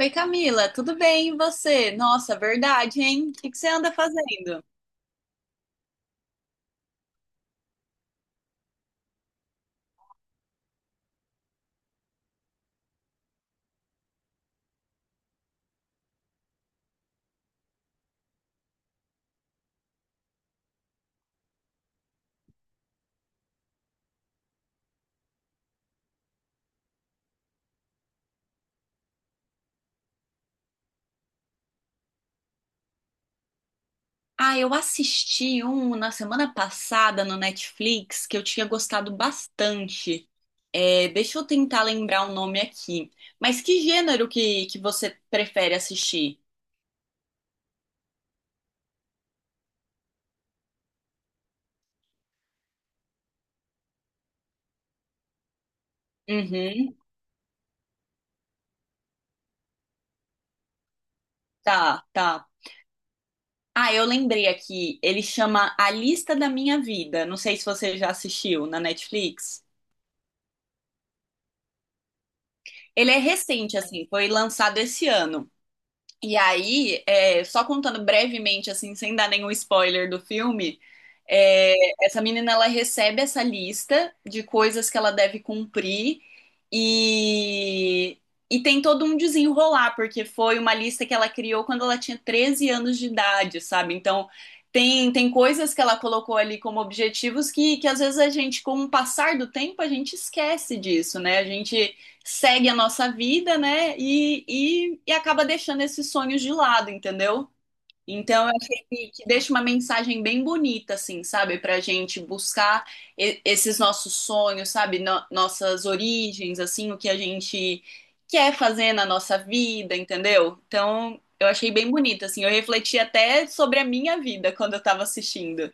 Oi, Camila, tudo bem? E você? Nossa, verdade, hein? O que você anda fazendo? Ah, eu assisti um na semana passada no Netflix que eu tinha gostado bastante. É, deixa eu tentar lembrar o nome aqui. Mas que gênero que você prefere assistir? Uhum, tá, tá. Ah, eu lembrei aqui. Ele chama A Lista da Minha Vida. Não sei se você já assistiu na Netflix. Ele é recente, assim, foi lançado esse ano. E aí, é, só contando brevemente, assim, sem dar nenhum spoiler do filme, é, essa menina ela recebe essa lista de coisas que ela deve cumprir e, e tem todo um desenrolar, porque foi uma lista que ela criou quando ela tinha 13 anos de idade, sabe? Então, tem coisas que ela colocou ali como objetivos que às vezes a gente, com o passar do tempo, a gente esquece disso, né? A gente segue a nossa vida, né? E acaba deixando esses sonhos de lado, entendeu? Então, eu achei que deixa uma mensagem bem bonita, assim, sabe? Pra gente buscar esses nossos sonhos, sabe? Nossas origens, assim, o que a gente quer fazer na nossa vida, entendeu? Então, eu achei bem bonita, assim. Eu refleti até sobre a minha vida quando eu tava assistindo.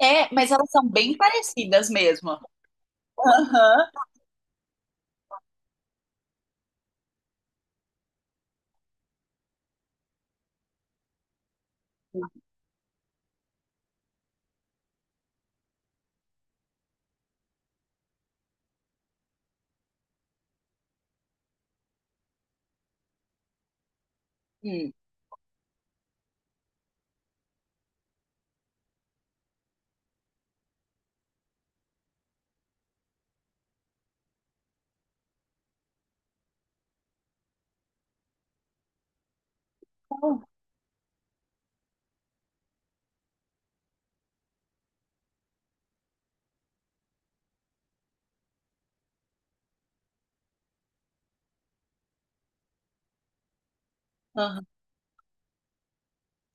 É, mas elas são bem parecidas mesmo. Aham. Hum. Aham.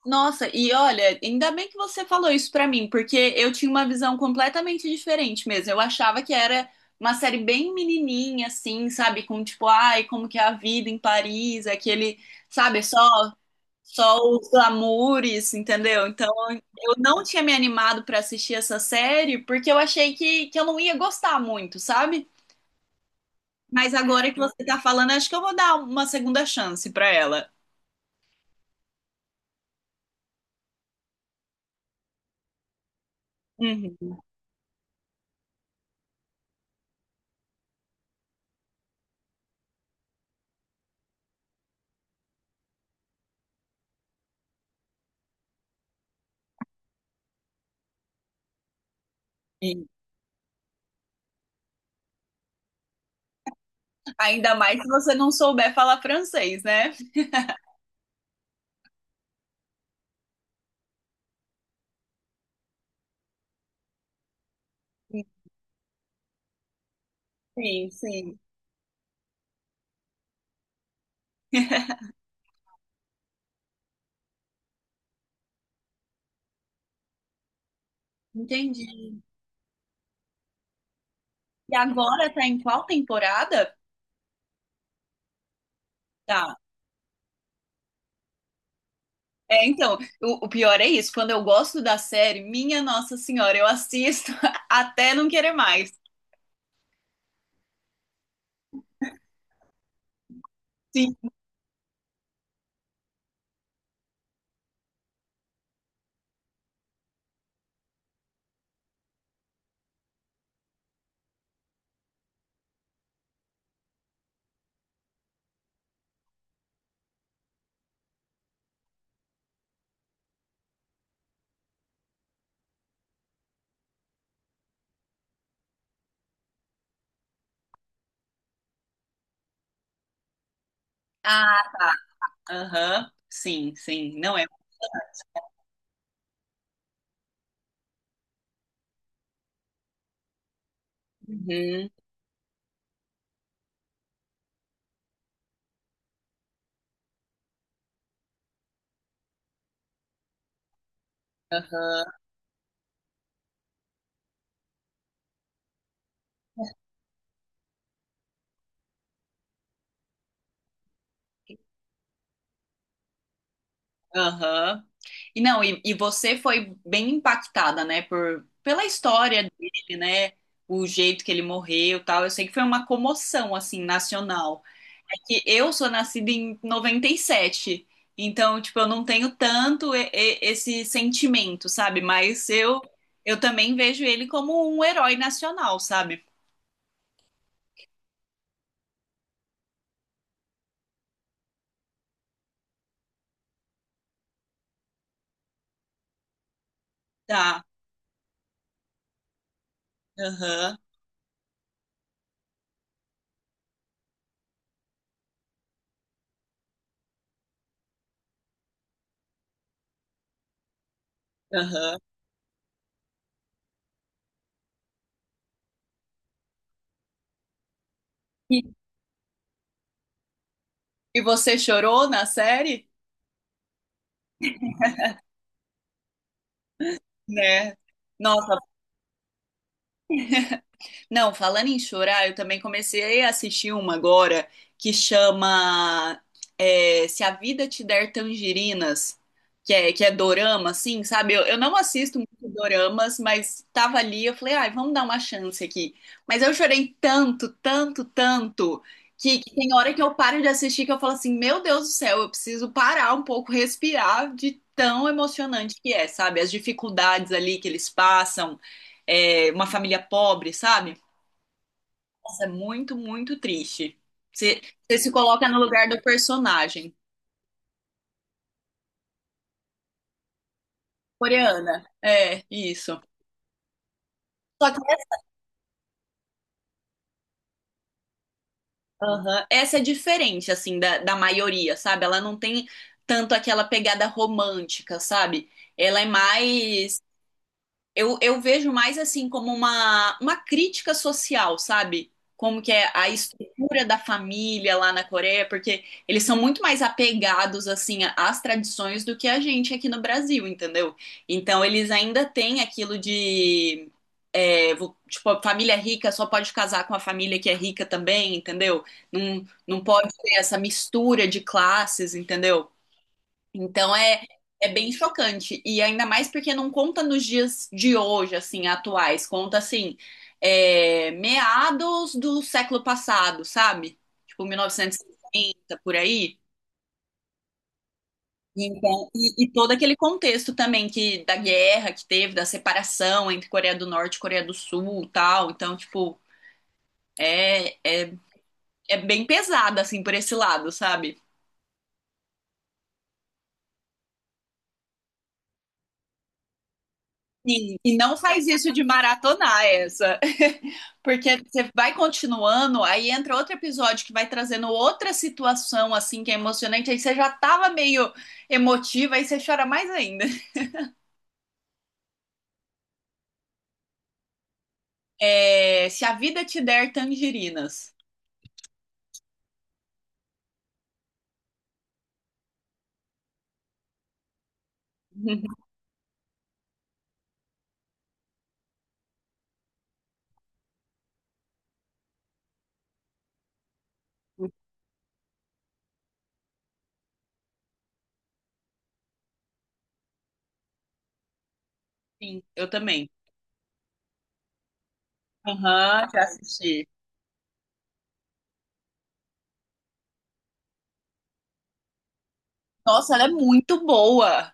Nossa, e olha, ainda bem que você falou isso pra mim, porque eu tinha uma visão completamente diferente mesmo. Eu achava que era uma série bem menininha, assim, sabe? Com tipo, ai, como que é a vida em Paris, aquele, sabe? Só, só os glamours, entendeu? Então, eu não tinha me animado pra assistir essa série, porque eu achei que eu não ia gostar muito, sabe? Mas agora que você tá falando, acho que eu vou dar uma segunda chance pra ela. Uhum. Ainda mais se você não souber falar francês, né? Sim, sim. Entendi. E agora tá em qual temporada? Tá. É, então, o pior é isso. Quando eu gosto da série, minha Nossa Senhora, eu assisto até não querer mais. Sim. Ah, tá. Aham. Sim, sim. Não é. Uhum. Aham. Aham. E não, e você foi bem impactada, né, por, pela história dele, né? O jeito que ele morreu, e tal. Eu sei que foi uma comoção assim nacional. É que eu sou nascida em 97, então, tipo, eu não tenho tanto esse sentimento, sabe? Mas eu também vejo ele como um herói nacional, sabe? Tá, aham, aham. E, e você chorou na série? Né? Nossa, não, falando em chorar, eu também comecei a assistir uma agora que chama é, Se a Vida Te Der Tangerinas, que é dorama, assim, sabe? Eu não assisto muito doramas, mas tava ali, eu falei, ai, vamos dar uma chance aqui. Mas eu chorei tanto, tanto, tanto, que tem hora que eu paro de assistir que eu falo assim, meu Deus do céu, eu preciso parar um pouco, respirar de tão emocionante que é, sabe? As dificuldades ali que eles passam, é, uma família pobre, sabe? Nossa, é muito, muito triste. Você, você se coloca no lugar do personagem. Coreana. É, isso. Só que essa, aham, essa é diferente, assim, da maioria, sabe? Ela não tem tanto aquela pegada romântica, sabe? Ela é mais. Eu vejo mais assim como uma crítica social, sabe? Como que é a estrutura da família lá na Coreia, porque eles são muito mais apegados assim às tradições do que a gente aqui no Brasil, entendeu? Então eles ainda têm aquilo de é, tipo, a família rica só pode casar com a família que é rica também, entendeu? Não, não pode ter essa mistura de classes, entendeu? Então é, é bem chocante. E ainda mais porque não conta nos dias de hoje, assim, atuais. Conta, assim, é, meados do século passado, sabe? Tipo, 1960, por aí. E então, e todo aquele contexto também que da guerra que teve, da separação entre Coreia do Norte e Coreia do Sul, e tal. Então, tipo, é, é, é bem pesada assim por esse lado, sabe? Sim. E não faz isso de maratonar essa. Porque você vai continuando, aí entra outro episódio que vai trazendo outra situação, assim, que é emocionante, aí você já tava meio emotiva, aí você chora mais ainda. É, se a vida te der tangerinas. Sim, eu também. Aham, já assisti. Nossa, ela é muito boa.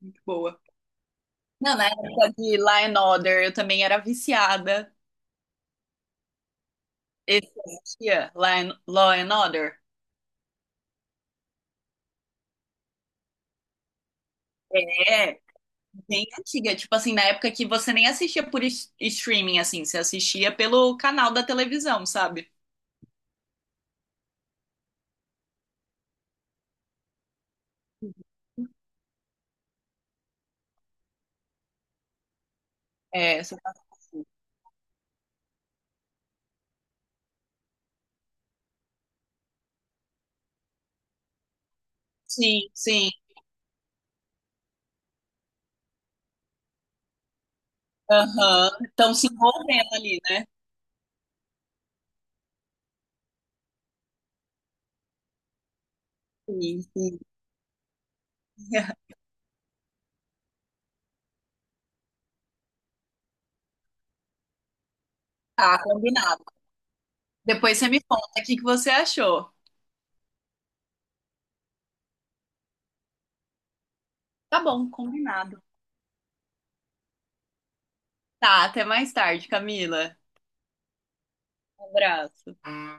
Muito boa. Não, na época de Law and Order, eu também era viciada. Esse eu assistia, Law and Order. É, bem antiga, tipo assim, na época que você nem assistia por streaming, assim, você assistia pelo canal da televisão, sabe? É, você tá assim. Sim, sim. Aham. Estão se envolvendo ali, né? Sim, sim. Tá, combinado. Depois você me conta o que que você achou. Tá bom, combinado. Tá, até mais tarde, Camila. Um abraço.